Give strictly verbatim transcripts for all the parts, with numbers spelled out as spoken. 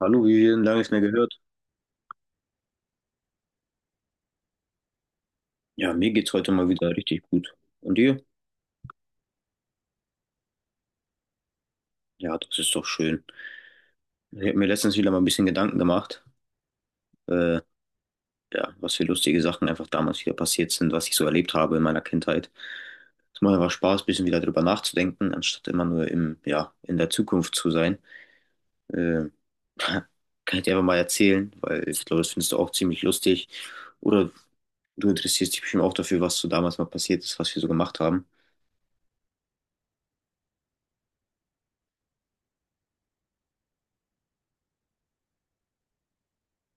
Hallo, wie lange ich nicht mehr gehört. Ja, mir geht's heute mal wieder richtig gut. Und dir? Ja, das ist doch schön. Ich habe mir letztens wieder mal ein bisschen Gedanken gemacht, äh, ja, was für lustige Sachen einfach damals wieder passiert sind, was ich so erlebt habe in meiner Kindheit. Es macht einfach Spaß, ein bisschen wieder drüber nachzudenken, anstatt immer nur im, ja, in der Zukunft zu sein. Äh, Kann ich dir einfach mal erzählen, weil ich glaube, das findest du auch ziemlich lustig. Oder du interessierst dich bestimmt auch dafür, was so damals mal passiert ist, was wir so gemacht haben.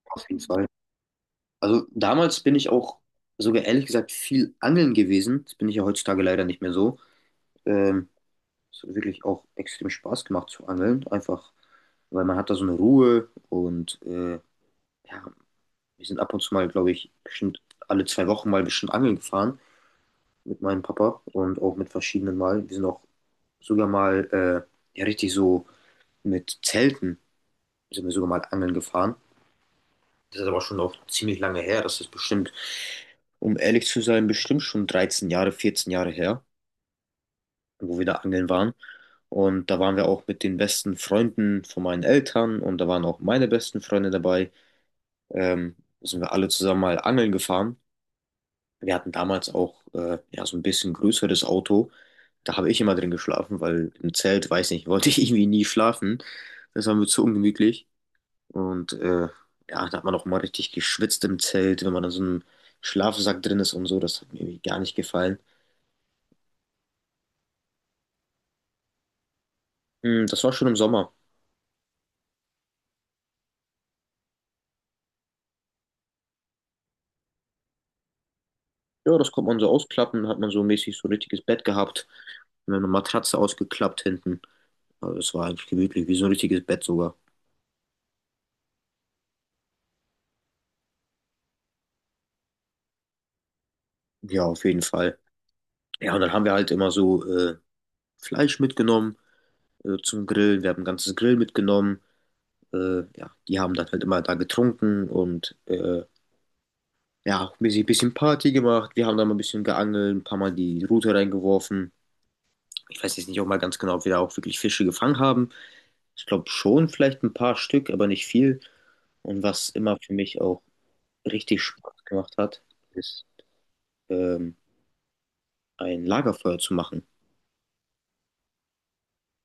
Auf jeden Fall. Also damals bin ich auch sogar ehrlich gesagt viel angeln gewesen. Das bin ich ja heutzutage leider nicht mehr so. Ähm, Es hat wirklich auch extrem Spaß gemacht zu angeln. Einfach, weil man hat da so eine Ruhe und äh, ja, wir sind ab und zu mal, glaube ich, bestimmt alle zwei Wochen mal bestimmt angeln gefahren mit meinem Papa und auch mit verschiedenen Mal. Wir sind auch sogar mal äh, ja richtig so mit Zelten sind wir sogar mal angeln gefahren. Das ist aber schon auch ziemlich lange her. Das ist bestimmt, um ehrlich zu sein, bestimmt schon dreizehn Jahre, vierzehn Jahre her, wo wir da angeln waren. Und da waren wir auch mit den besten Freunden von meinen Eltern und da waren auch meine besten Freunde dabei. Ähm, Sind wir alle zusammen mal angeln gefahren. Wir hatten damals auch äh, ja, so ein bisschen größeres Auto. Da habe ich immer drin geschlafen, weil im Zelt, weiß nicht, wollte ich irgendwie nie schlafen. Das war mir zu ungemütlich. Und äh, ja, da hat man auch mal richtig geschwitzt im Zelt, wenn man in so einem Schlafsack drin ist und so. Das hat mir irgendwie gar nicht gefallen. Hm, das war schon im Sommer. Ja, das konnte man so ausklappen, hat man so mäßig so ein richtiges Bett gehabt. Und dann eine Matratze ausgeklappt hinten. Also es war eigentlich gemütlich, wie so ein richtiges Bett sogar. Ja, auf jeden Fall. Ja, und dann haben wir halt immer so äh, Fleisch mitgenommen äh, zum Grillen. Wir haben ein ganzes Grill mitgenommen. Äh, ja, die haben dann halt immer da getrunken und äh, Ja, auch ein bisschen bisschen Party gemacht. Wir haben da mal ein bisschen geangelt, ein paar Mal die Rute reingeworfen. Ich weiß jetzt nicht auch mal ganz genau, ob wir da auch wirklich Fische gefangen haben. Ich glaube schon, vielleicht ein paar Stück, aber nicht viel. Und was immer für mich auch richtig Spaß gemacht hat, ist ähm, ein Lagerfeuer zu machen.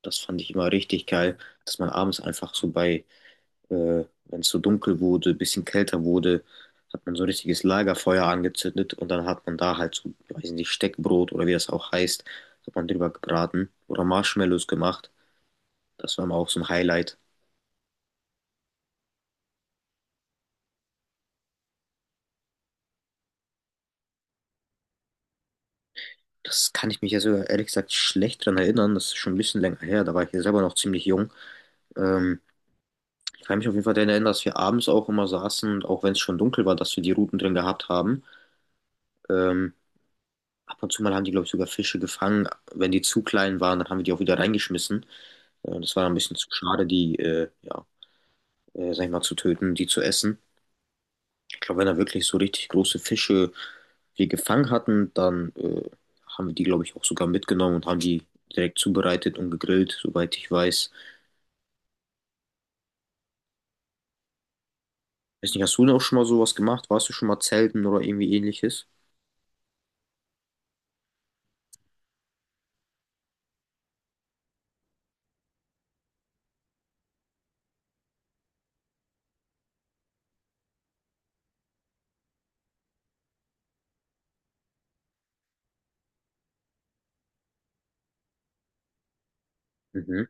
Das fand ich immer richtig geil, dass man abends einfach so bei Äh, wenn es so dunkel wurde, bisschen kälter wurde, hat man so ein richtiges Lagerfeuer angezündet und dann hat man da halt so, weiß nicht, Steckbrot oder wie das auch heißt, hat man drüber gebraten oder Marshmallows gemacht. Das war immer auch so ein Highlight. Das kann ich mich ja sogar ehrlich gesagt schlecht dran erinnern. Das ist schon ein bisschen länger her. Da war ich ja selber noch ziemlich jung. Ähm, Ich kann mich auf jeden Fall daran erinnern, dass wir abends auch immer saßen und auch wenn es schon dunkel war, dass wir die Ruten drin gehabt haben. Ähm, Ab und zu mal haben die, glaube ich, sogar Fische gefangen. Wenn die zu klein waren, dann haben wir die auch wieder reingeschmissen. Ja, das war ein bisschen zu schade, die, äh, ja, äh, sag ich mal, zu töten, die zu essen. Ich glaube, wenn da wirklich so richtig große Fische wir gefangen hatten, dann äh, haben wir die, glaube ich, auch sogar mitgenommen und haben die direkt zubereitet und gegrillt, soweit ich weiß. Weiß nicht, hast du denn auch schon mal sowas gemacht? Warst du schon mal zelten oder irgendwie ähnliches? Mhm.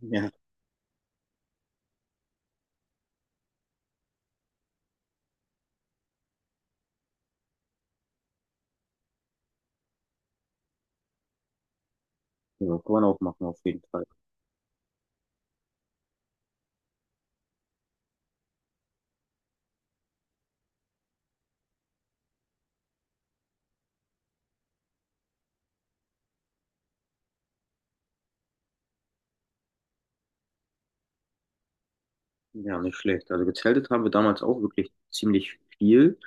Ja, ja, kann man auch machen, auf jeden Fall. Ja, nicht schlecht. Also gezeltet haben wir damals auch wirklich ziemlich viel.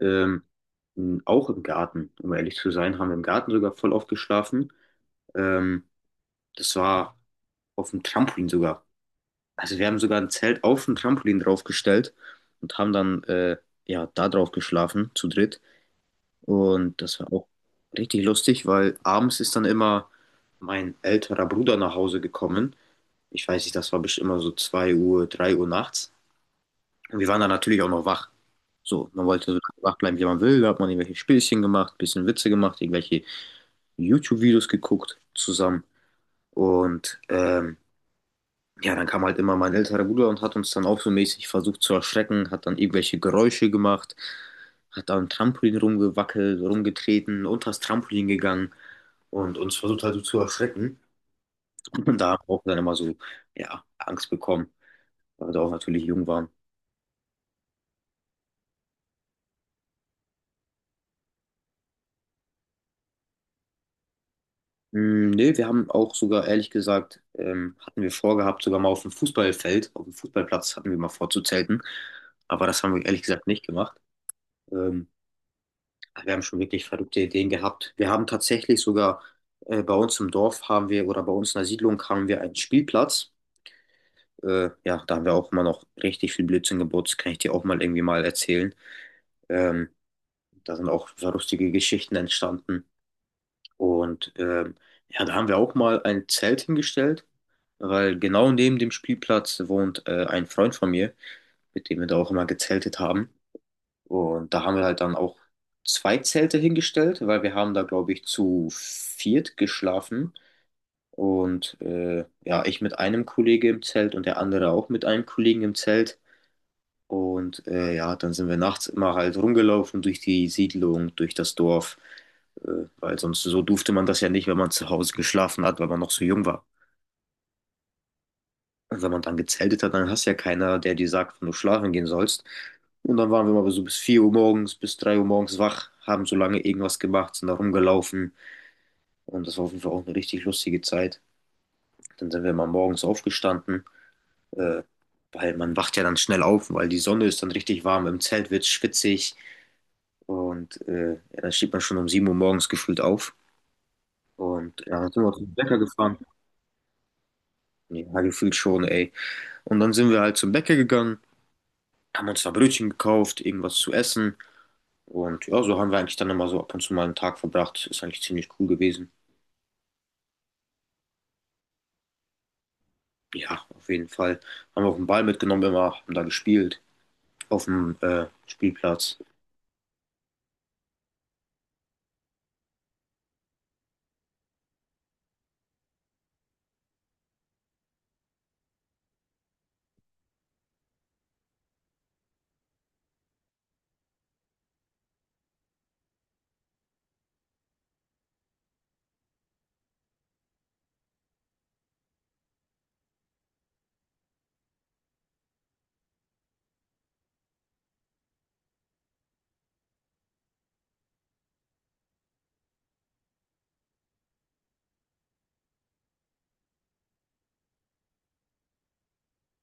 Ähm, m, auch im Garten, um ehrlich zu sein, haben wir im Garten sogar voll oft geschlafen. Ähm, Das war auf dem Trampolin sogar. Also wir haben sogar ein Zelt auf dem Trampolin draufgestellt und haben dann äh, ja da drauf geschlafen zu dritt. Und das war auch richtig lustig, weil abends ist dann immer mein älterer Bruder nach Hause gekommen. Ich weiß nicht, das war bestimmt immer so zwei Uhr, drei Uhr nachts. Und wir waren dann natürlich auch noch wach. So, man wollte so lange wach bleiben, wie man will. Da hat man irgendwelche Spielchen gemacht, bisschen Witze gemacht, irgendwelche YouTube-Videos geguckt zusammen. Und ähm, Ja, dann kam halt immer mein älterer Bruder und hat uns dann auch so mäßig versucht zu erschrecken, hat dann irgendwelche Geräusche gemacht, hat am Trampolin rumgewackelt, rumgetreten, unter das Trampolin gegangen und uns versucht halt so zu erschrecken. Und da haben wir auch dann immer so, ja, Angst bekommen, weil wir auch natürlich jung waren. Hm, nee, wir haben auch sogar, ehrlich gesagt, ähm, hatten wir vorgehabt, sogar mal auf dem Fußballfeld, auf dem Fußballplatz hatten wir mal vorzuzelten, aber das haben wir ehrlich gesagt nicht gemacht. Ähm, Wir haben schon wirklich verrückte Ideen gehabt. Wir haben tatsächlich sogar äh, bei uns im Dorf haben wir oder bei uns in der Siedlung haben wir einen Spielplatz. Äh, ja, da haben wir auch immer noch richtig viel Blödsinn gebaut. Das kann ich dir auch mal irgendwie mal erzählen. Ähm, Da sind auch so lustige Geschichten entstanden. Und ähm, ja, da haben wir auch mal ein Zelt hingestellt, weil genau neben dem Spielplatz wohnt äh, ein Freund von mir, mit dem wir da auch immer gezeltet haben. Und da haben wir halt dann auch zwei Zelte hingestellt, weil wir haben da, glaube ich, zu viert geschlafen. Und äh, ja, ich mit einem Kollege im Zelt und der andere auch mit einem Kollegen im Zelt. Und äh, ja, dann sind wir nachts immer halt rumgelaufen durch die Siedlung, durch das Dorf, äh, weil sonst so durfte man das ja nicht, wenn man zu Hause geschlafen hat, weil man noch so jung war. Und wenn man dann gezeltet hat, dann hast du ja keiner, der dir sagt, wann du schlafen gehen sollst. Und dann waren wir mal so bis vier Uhr morgens, bis drei Uhr morgens wach, haben so lange irgendwas gemacht, sind da rumgelaufen. Und das war auf jeden Fall auch eine richtig lustige Zeit. Dann sind wir mal morgens aufgestanden, äh, weil man wacht ja dann schnell auf, weil die Sonne ist dann richtig warm, im Zelt wird schwitzig. Und äh, ja, dann steht man schon um sieben Uhr morgens gefühlt auf. Und ja, dann sind wir zum Bäcker gefahren. Ja, gefühlt schon, ey. Und dann sind wir halt zum Bäcker gegangen haben uns da Brötchen gekauft, irgendwas zu essen. Und ja, so haben wir eigentlich dann immer so ab und zu mal einen Tag verbracht. Ist eigentlich ziemlich cool gewesen. Ja, auf jeden Fall. Haben wir auch einen Ball mitgenommen immer, haben da gespielt auf dem äh, Spielplatz.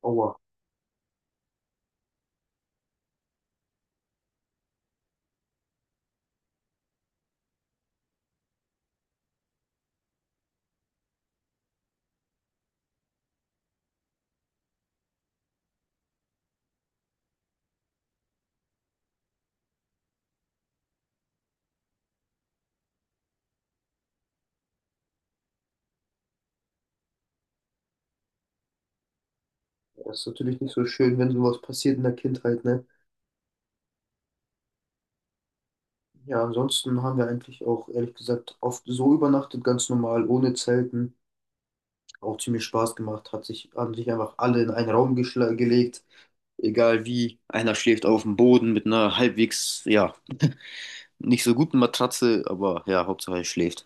Aua, das ist natürlich nicht so schön, wenn sowas passiert in der Kindheit, ne? Ja, ansonsten haben wir eigentlich auch, ehrlich gesagt, oft so übernachtet, ganz normal, ohne Zelten. Auch ziemlich Spaß gemacht, hat sich, haben sich einfach alle in einen Raum geschla- gelegt, egal wie, einer schläft auf dem Boden mit einer halbwegs, ja, nicht so guten Matratze, aber ja, Hauptsache er schläft.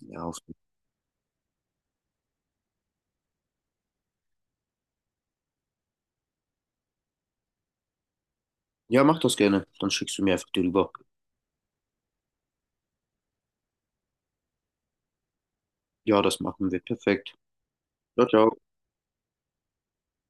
Ja, hoffentlich. Ja, mach das gerne. Dann schickst du mir einfach die rüber. Ja, das machen wir. Perfekt. Ciao, ciao.